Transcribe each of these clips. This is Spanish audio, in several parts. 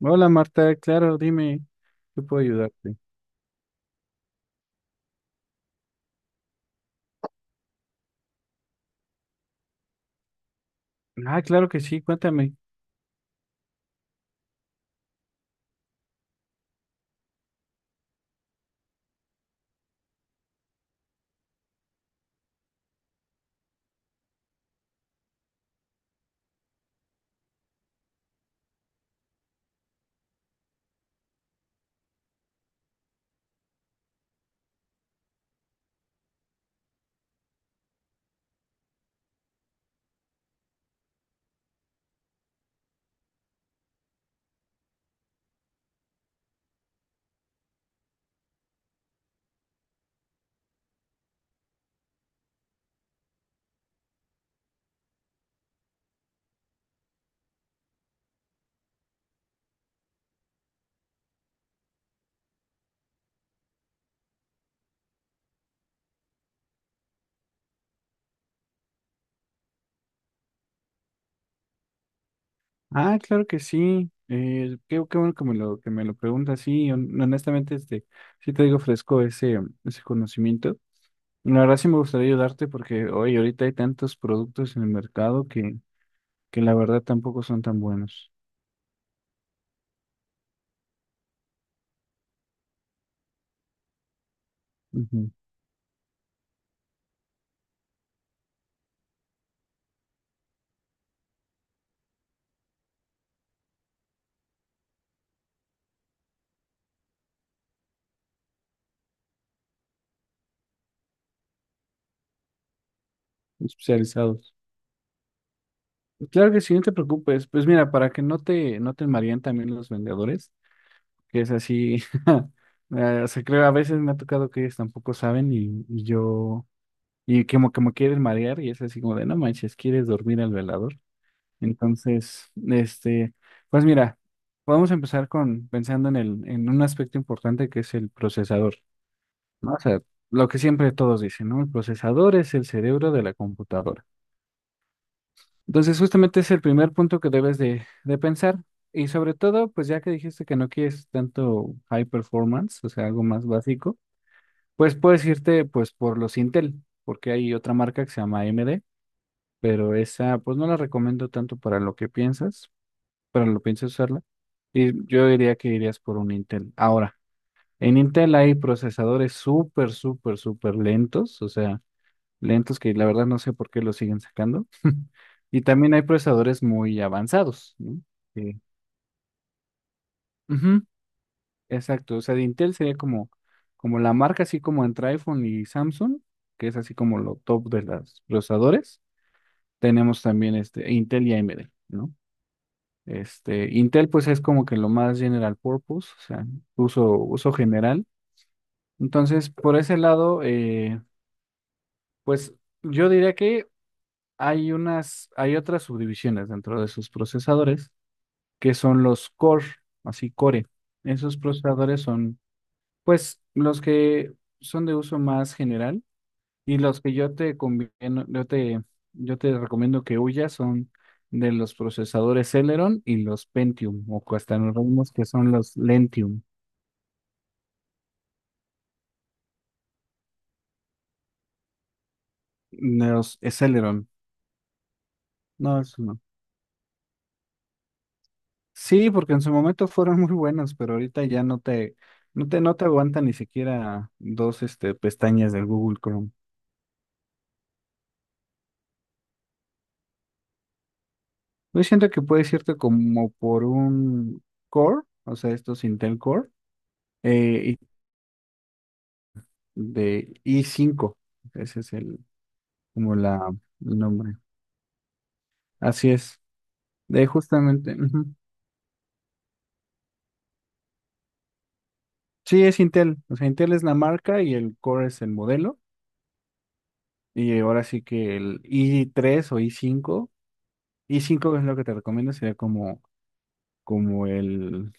Hola Marta, claro, dime, ¿qué puedo ayudarte? Ah, claro que sí, cuéntame. Ah, claro que sí. Qué bueno que me lo preguntas. Sí, honestamente, este, sí te digo fresco ese conocimiento. La verdad sí me gustaría ayudarte porque hoy ahorita hay tantos productos en el mercado que la verdad tampoco son tan buenos. Ujú, especializados. Claro que sí, no te preocupes. Pues mira, para que no te mareen también los vendedores, que es así. O sea, creo a veces me ha tocado que ellos tampoco saben y yo, y como que me quieren marear y es así como de, no manches, ¿quieres dormir al velador? Entonces, este, pues mira, vamos a empezar con pensando en un aspecto importante que es el procesador, ¿no? O sea, lo que siempre todos dicen, ¿no? El procesador es el cerebro de la computadora. Entonces, justamente es el primer punto que debes de pensar. Y sobre todo, pues ya que dijiste que no quieres tanto high performance, o sea, algo más básico, pues puedes irte pues por los Intel, porque hay otra marca que se llama AMD, pero esa pues no la recomiendo tanto para lo que piensas usarla. Y yo diría que irías por un Intel. Ahora, en Intel hay procesadores súper, súper, súper lentos, o sea, lentos que la verdad no sé por qué los siguen sacando. Y también hay procesadores muy avanzados, ¿no? Que- Ujú, exacto, o sea, de Intel sería como la marca, así como entre iPhone y Samsung, que es así como lo top de los procesadores. Tenemos también este, Intel y AMD, ¿no? Este, Intel pues es como que lo más general purpose, o sea, uso general. Entonces, por ese lado, pues yo diría que hay otras subdivisiones dentro de sus procesadores que son los core, así core. Esos procesadores son, pues, los que son de uso más general, y los que yo te conviene- yo te recomiendo que huyas son de los procesadores Celeron y los Pentium, o hasta nos reímos que son los Lentium, los Celeron. No, eso no. Sí, porque en su momento fueron muy buenos, pero ahorita ya no te aguanta ni siquiera dos, este, pestañas del Google Chrome. Yo siento que puedes irte como por un Core, o sea, estos Intel Core, eh, y- de i5. Ese es como la, el nombre. Así es. De justamente. Ujú. Sí, es Intel. O sea, Intel es la marca y el Core es el modelo. Y ahora sí que el i3 o i5, i5 es lo que te recomiendo, sería como el,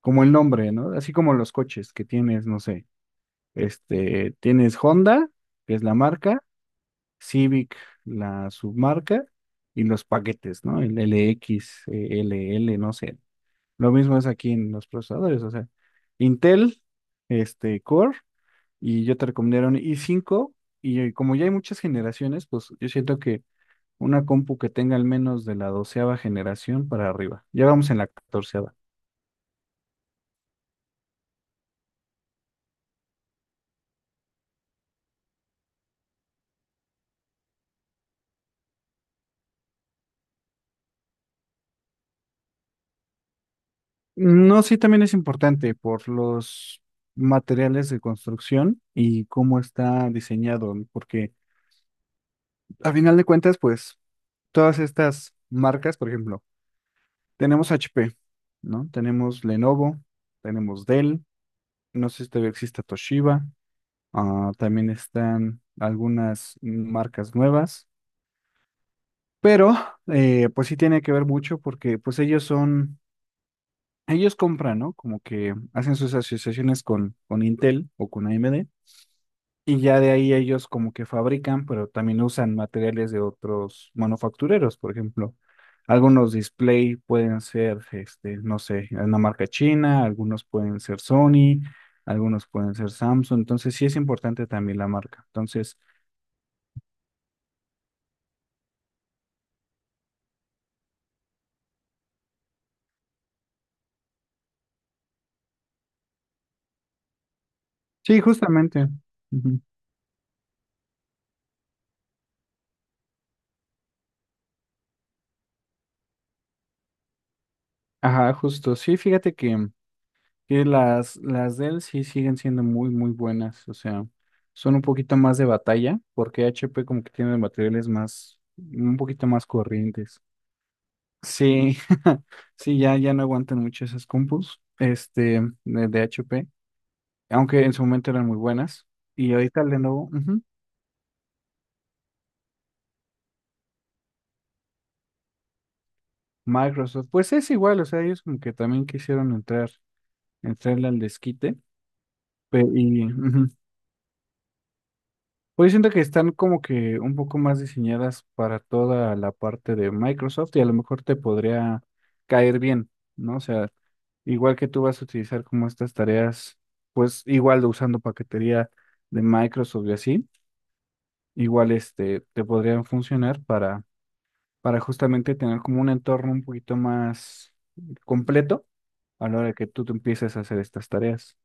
como el nombre, ¿no? Así como los coches que tienes, no sé, este, tienes Honda, que es la marca, Civic, la submarca, y los paquetes, ¿no? El LX, LL, no sé. Lo mismo es aquí en los procesadores, o sea, Intel, este, Core, y yo te recomendaría un i5, y como ya hay muchas generaciones, pues yo siento que una compu que tenga al menos de la doceava generación para arriba. Ya vamos en la catorceava. No, sí, también es importante por los materiales de construcción y cómo está diseñado, ¿no? Porque a final de cuentas, pues todas estas marcas, por ejemplo, tenemos H P, ¿no? Tenemos Lenovo, tenemos Dell, no sé si todavía existe Toshiba, ah, también están algunas marcas nuevas, pero pues sí tiene que ver mucho porque pues ellos compran, ¿no? Como que hacen sus asociaciones con Intel o con AMD. Y ya de ahí ellos como que fabrican, pero también usan materiales de otros manufactureros, por ejemplo. Algunos display pueden ser, este, no sé, una marca china, algunos pueden ser Sony, algunos pueden ser Samsung. Entonces sí es importante también la marca. Entonces, sí, justamente. Ujú. Ajá, justo. Sí, fíjate que las Dell sí siguen siendo muy, muy buenas. O sea, son un poquito más de batalla, porque HP como que tiene materiales más, un poquito más corrientes. Sí. Sí, ya, ya no aguantan mucho esas compus, este, de HP, aunque en su momento eran muy buenas. Y ahorita Lenovo, ujú. Microsoft, pues es igual, o sea, ellos como que también quisieron entrar, entrarle al desquite. Ujú. Pues siento que están como que un poco más diseñadas para toda la parte de Microsoft, y a lo mejor te podría caer bien, ¿no? O sea, igual que tú vas a utilizar como estas tareas, pues igual usando paquetería de Microsoft y así. Igual este, te podrían funcionar para justamente tener como un entorno un poquito más completo a la hora que tú te empieces a hacer estas tareas.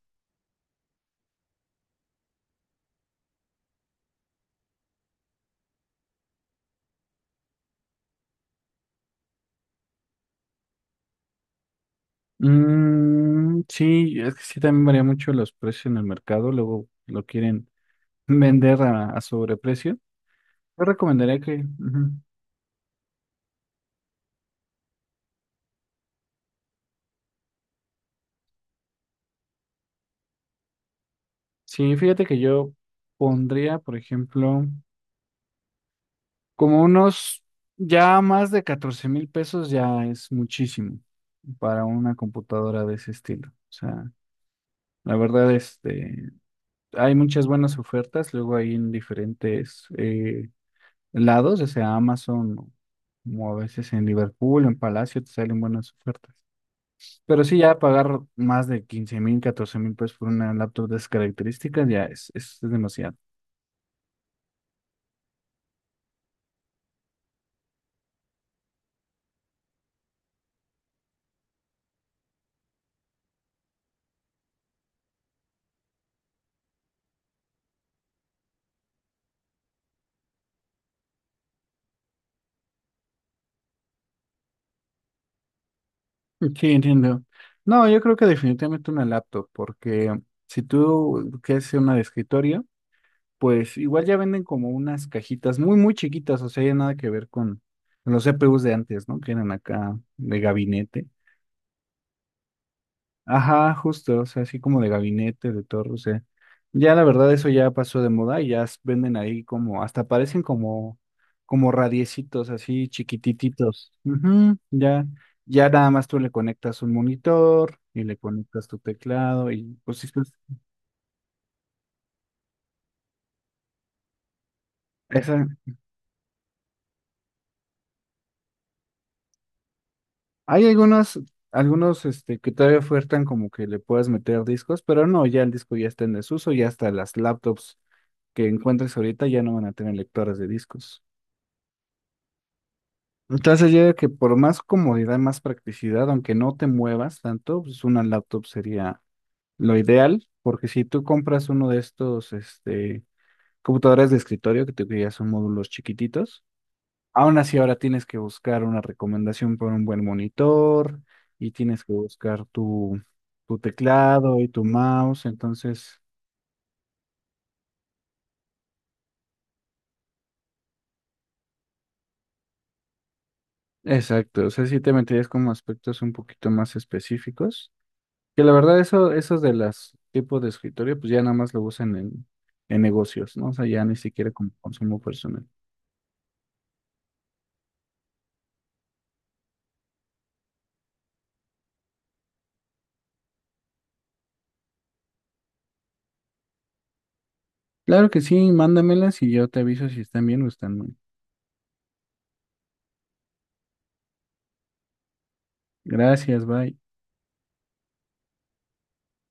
Mm, sí, es que sí también varía mucho los precios en el mercado, luego lo quieren vender a sobreprecio. Yo recomendaría que, ujú. Sí, fíjate que yo pondría, por ejemplo, como unos, ya más de 14,000 pesos ya es muchísimo para una computadora de ese estilo. O sea, la verdad, este, hay muchas buenas ofertas luego ahí en diferentes lados, ya sea Amazon, o como a veces en Liverpool, en Palacio, te salen buenas ofertas. Pero sí, ya pagar más de 15,000, 14,000 pesos por una laptop de esas características ya es demasiado. Sí, entiendo. No, yo creo que definitivamente una laptop, porque si tú quieres una de escritorio, pues igual ya venden como unas cajitas muy, muy chiquitas, o sea, ya nada que ver con los CPUs de antes, ¿no? Que eran acá de gabinete. Ajá, justo, o sea, así como de gabinete, de torre, o sea, ya la verdad eso ya pasó de moda y ya venden ahí como, hasta parecen como radiecitos así chiquitititos. Ujú, ya, ya nada más tú le conectas un monitor y le conectas tu teclado y pues sí, pues, esa- hay algunos, este que todavía ofertan como que le puedas meter discos, pero no, ya el disco ya está en desuso, y hasta las laptops que encuentres ahorita ya no van a tener lectores de discos. Entonces yo digo que por más comodidad, más practicidad, aunque no te muevas tanto, pues una laptop sería lo ideal, porque si tú compras uno de estos, este, computadores de escritorio que ya son módulos chiquititos, aún así ahora tienes que buscar una recomendación por un buen monitor y tienes que buscar tu teclado y tu mouse, entonces, exacto, o sea, si te meterías como aspectos un poquito más específicos. Que la verdad, eso, esos de los tipos de escritorio, pues ya nada más lo usan en negocios, ¿no? O sea, ya ni siquiera como consumo personal. Claro que sí, mándamelas y yo te aviso si están bien o están mal. Gracias, bye.